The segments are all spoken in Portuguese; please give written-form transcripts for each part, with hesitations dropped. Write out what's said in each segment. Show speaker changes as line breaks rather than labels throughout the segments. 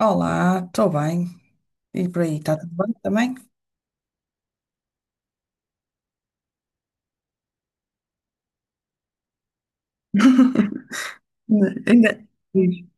Olá, estou bem. E por aí, está tudo bem também? Ainda sim.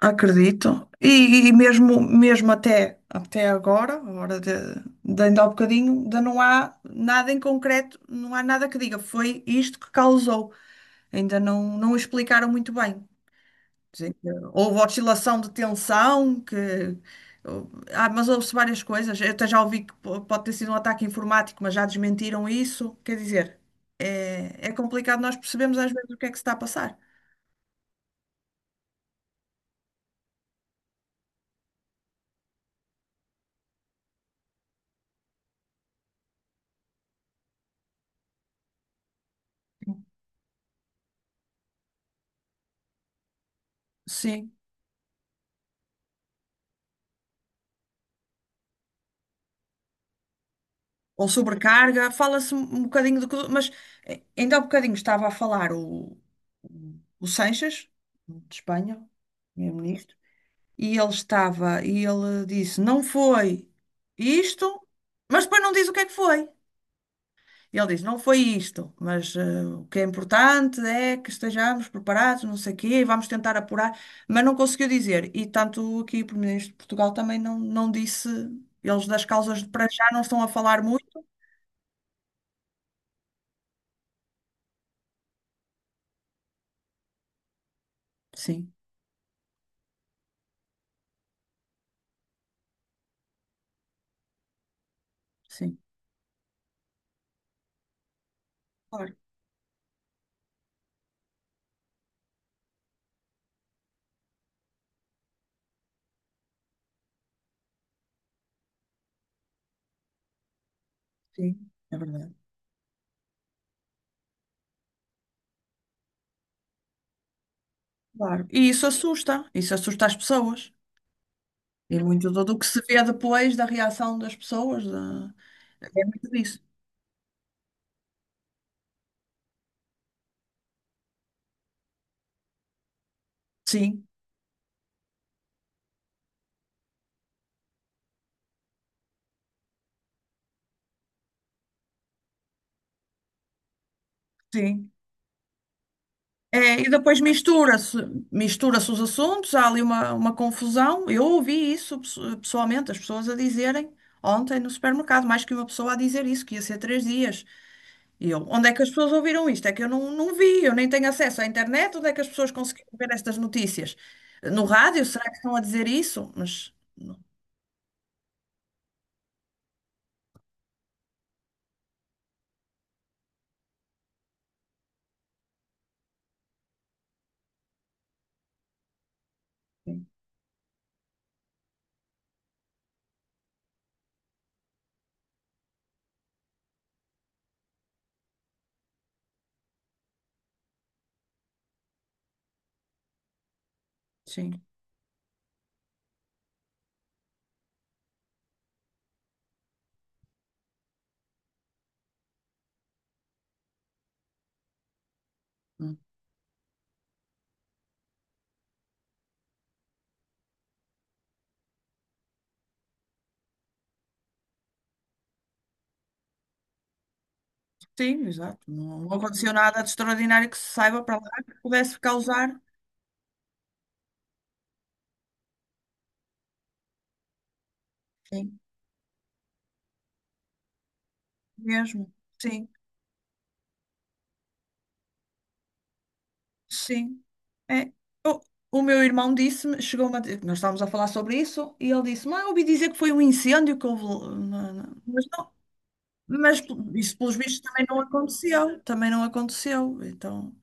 Acredito. E mesmo, mesmo até agora, agora de ainda há bocadinho, ainda não há nada em concreto, não há nada que diga foi isto que causou. Ainda não explicaram muito bem. Sim, houve oscilação de tensão, que... Ah, mas houve-se várias coisas. Eu até já ouvi que pode ter sido um ataque informático, mas já desmentiram isso. Quer dizer, é complicado nós percebemos às vezes o que é que se está a passar. Sim. Ou sobrecarga. Fala-se um bocadinho do... que- Mas ainda há bocadinho estava a falar o Sanches, de Espanha, primeiro-ministro, e ele estava, e ele disse, não foi isto, mas depois não diz o que é que foi. E ele diz, não foi isto, mas o que é importante é que estejamos preparados, não sei o quê, e vamos tentar apurar, mas não conseguiu dizer. E tanto aqui o Primeiro-Ministro de Portugal também não disse, eles das causas de para já não estão a falar muito. Sim, sim, claro, sim, é verdade. Claro. E isso assusta as pessoas. E muito do, do que se vê depois da reação das pessoas, da- é muito disso. Sim, sim. É, e depois mistura-se, mistura-se os assuntos, há ali uma confusão. Eu ouvi isso pessoalmente, as pessoas a dizerem ontem no supermercado, mais que uma pessoa a dizer isso, que ia ser três dias. E eu, onde é que as pessoas ouviram isto? É que eu não vi, eu nem tenho acesso à internet, onde é que as pessoas conseguiram ver estas notícias? No rádio, será que estão a dizer isso? Mas sim, hum, sim, exato. Não, não aconteceu nada de extraordinário que se saiba para lá que pudesse causar, sim, mesmo, sim. Sim. É. O, o meu irmão disse-me, chegou-me a dizer, nós estávamos a falar sobre isso, e ele disse-me, ah, eu ouvi dizer que foi um incêndio que houve. Na- na-" Mas, não, mas isso, pelos vistos, também não aconteceu. Também não aconteceu. Então,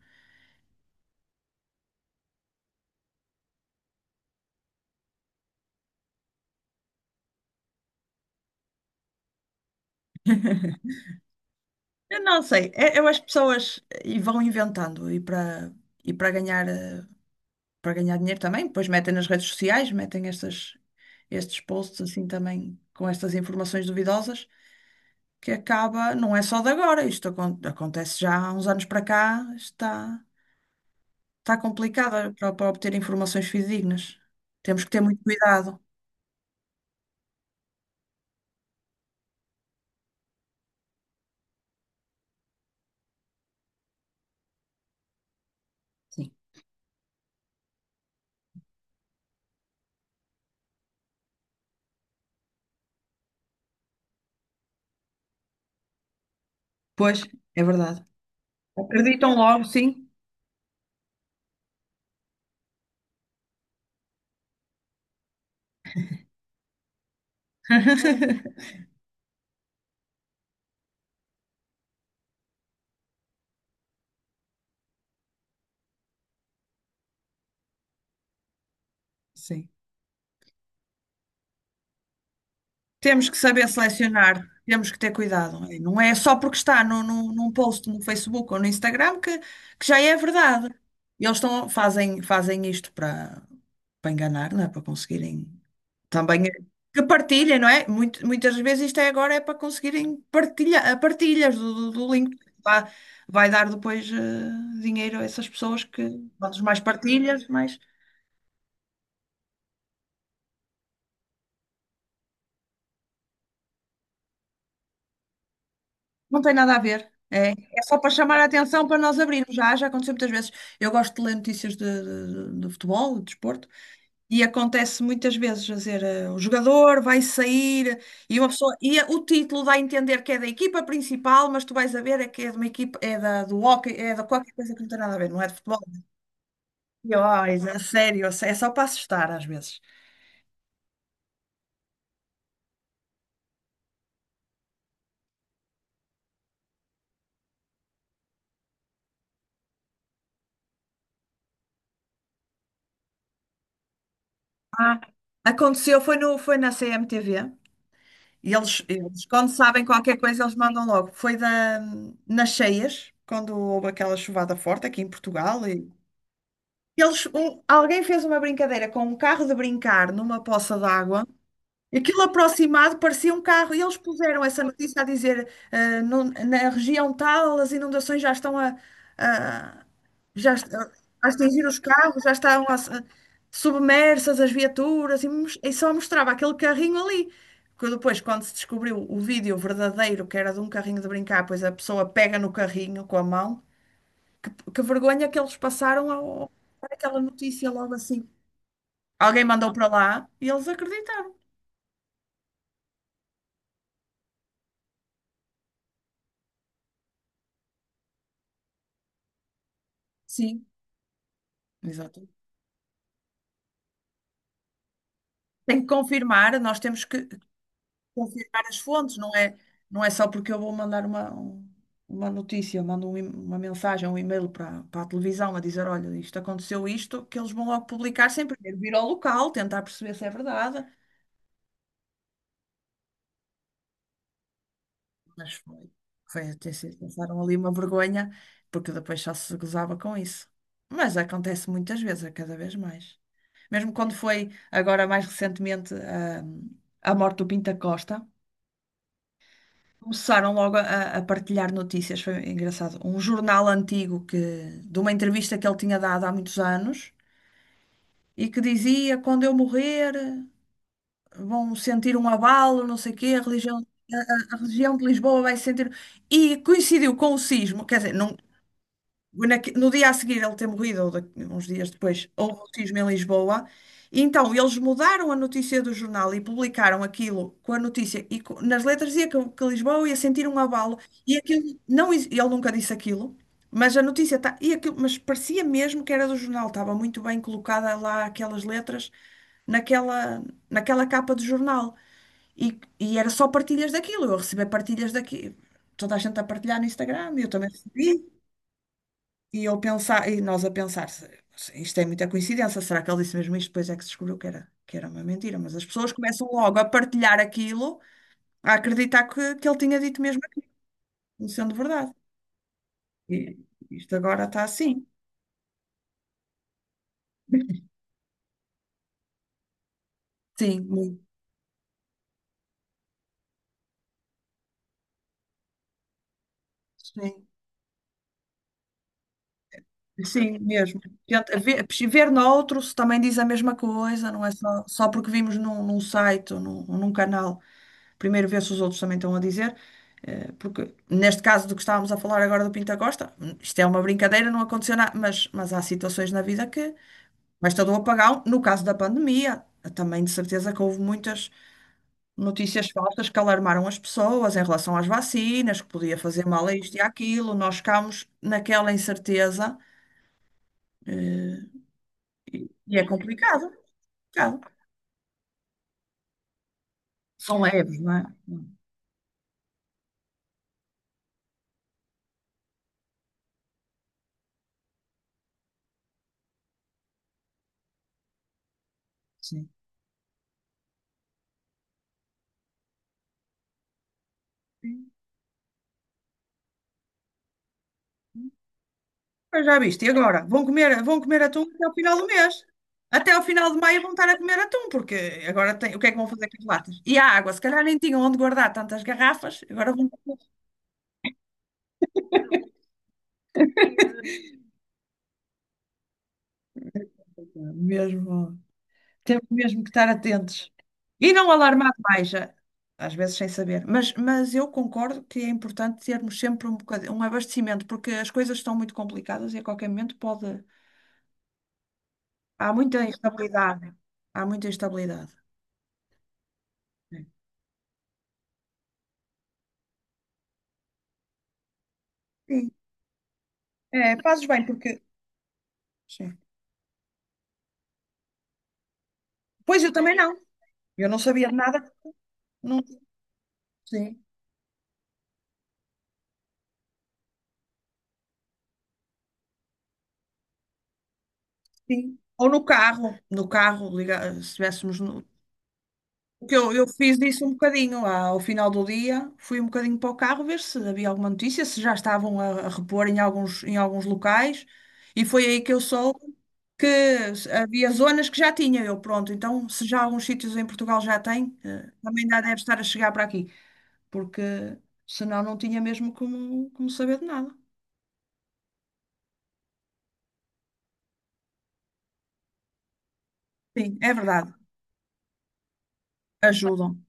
eu não sei. É- Eu, as pessoas e vão inventando e para ganhar, para ganhar dinheiro também, depois metem nas redes sociais, metem estas, estes posts assim também com estas informações duvidosas. Que acaba, não é só de agora, isto acontece já há uns anos para cá, está, está complicado para, para obter informações fidedignas. Temos que ter muito cuidado. Sim. Pois, é verdade. Acreditam logo, sim. Sim. Temos que saber selecionar, temos que ter cuidado. Não é só porque está no, no, num post no Facebook ou no Instagram que já é verdade. E eles estão, fazem, fazem isto para, para enganar, não é? Para conseguirem. Também é- que partilhem, não é? Muito- muitas vezes isto é agora é para conseguirem partilha, ah, partilhas do, do, do link. Vai, vai dar depois dinheiro a essas pessoas que quantas mais partilhas, mais não tem nada a ver. É, é só para chamar a atenção para nós abrirmos. Já, já aconteceu muitas vezes. Eu gosto de ler notícias de futebol, de desporto. E acontece muitas vezes, quer dizer, o jogador vai sair e uma pessoa e o título dá a entender que é da equipa principal, mas tu vais a ver é que é de uma equipa, é da, do hóquei, é da qualquer coisa que não tem nada a ver, não é de futebol. E, ó, isso é sério, é só para assustar às vezes. Ah, aconteceu, foi, no, foi na CMTV e eles, quando sabem qualquer coisa, eles mandam logo. Foi da, nas cheias, quando houve aquela chuvada forte aqui em Portugal. E, eles, um- alguém fez uma brincadeira com um carro de brincar numa poça d'água. Aquilo aproximado parecia um carro e eles puseram essa notícia a dizer ah, no- na região tal as inundações já estão a- já est- a atingir os carros, já estão a submersas as viaturas e, mos- e só mostrava aquele carrinho ali. Que depois, quando se descobriu o vídeo verdadeiro, que era de um carrinho de brincar, pois a pessoa pega no carrinho com a mão. Que vergonha que eles passaram ao, aquela notícia logo assim. Alguém mandou para lá e eles acreditaram. Sim, exatamente. Tem que confirmar, nós temos que confirmar as fontes, não é, não é só porque eu vou mandar uma, um- uma notícia, eu mando um e- uma mensagem, um e-mail para, para a televisão a dizer, olha, isto aconteceu isto, que eles vão logo publicar sem primeiro vir ao local, tentar perceber se é verdade. Mas foi, foi até se passaram ali uma vergonha, porque depois só se gozava com isso. Mas acontece muitas vezes, é cada vez mais. Mesmo quando foi agora mais recentemente a morte do Pinta Costa. Começaram logo a partilhar notícias, foi engraçado. Um jornal antigo que, de uma entrevista que ele tinha dado há muitos anos e que dizia: quando eu morrer, vão sentir um abalo, não sei o quê, a religião de Lisboa vai sentir. E coincidiu com o sismo, quer dizer, não, naque- no dia a seguir ele ter morrido, ou da- uns dias depois, houve o cisma em Lisboa. E então eles mudaram a notícia do jornal e publicaram aquilo com a notícia. E co- nas letras dizia que Lisboa ia sentir um abalo. E aquilo, não, ex- ele nunca disse aquilo, mas a notícia está. E aquilo, mas parecia mesmo que era do jornal, estava muito bem colocada lá aquelas letras naquela, naquela capa do jornal. E, e era só partilhas daquilo. Eu recebi partilhas daquilo. Toda a gente a partilhar no Instagram, eu também recebi. E eu pensar, e nós a pensar, se- isto é muita coincidência, será que ele disse mesmo isto? Depois é que se descobriu que era uma mentira, mas as pessoas começam logo a partilhar aquilo, a acreditar que ele tinha dito mesmo aquilo, não sendo verdade. E isto agora está assim. Sim, muito. Sim, sim, mesmo. Tenta ver, ver noutro se também diz a mesma coisa, não é só, só porque vimos num, num site ou num canal. Primeiro ver se os outros também estão a dizer, porque neste caso do que estávamos a falar agora do Pinta Costa, isto é uma brincadeira, não aconteceu nada, mas há situações na vida que basta do apagão, no caso da pandemia, também de certeza que houve muitas notícias falsas que alarmaram as pessoas em relação às vacinas, que podia fazer mal a isto e àquilo, nós ficámos naquela incerteza, eh, e e é complicado, complicado. São leves, não é? Sim. Pois já viste, e agora? Vão comer atum até ao final do mês. Até ao final de maio vão estar a comer atum, porque agora tem, o que é que vão fazer com as latas? E a água, se calhar nem tinham onde guardar tantas garrafas, agora vão. Mesmo, temos mesmo que estar atentos. E não alarmar mais, já às vezes sem saber. Mas eu concordo que é importante termos sempre um bocadinho, um abastecimento, porque as coisas estão muito complicadas e a qualquer momento pode. Há muita instabilidade. Há muita instabilidade. Sim, é, fazes bem, porque. Sim. Pois eu também não. Eu não sabia de nada. Não, sim, sim. Ou no carro, no carro, liga- se estivéssemos no. Porque eu fiz isso um bocadinho lá ao final do dia, fui um bocadinho para o carro ver se havia alguma notícia, se já estavam a repor em alguns locais, e foi aí que eu soube que s- havia zonas que já tinha eu, pronto, então se já alguns sítios em Portugal já têm também já deve estar a chegar para aqui, porque senão não tinha mesmo como, como saber de nada. Sim, é verdade, ajudam.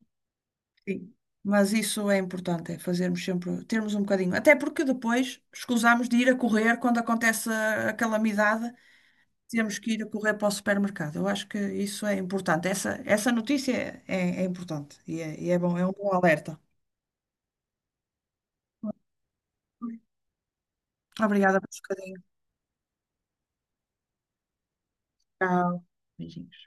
Sim. Mas isso é importante, é fazermos sempre, termos um bocadinho. Até porque depois escusamos de ir a correr quando acontece a calamidade, temos que ir a correr para o supermercado. Eu acho que isso é importante. Essa notícia é, é importante e é bom, é um bom alerta. Obrigada por um bocadinho. Tchau. Beijinhos.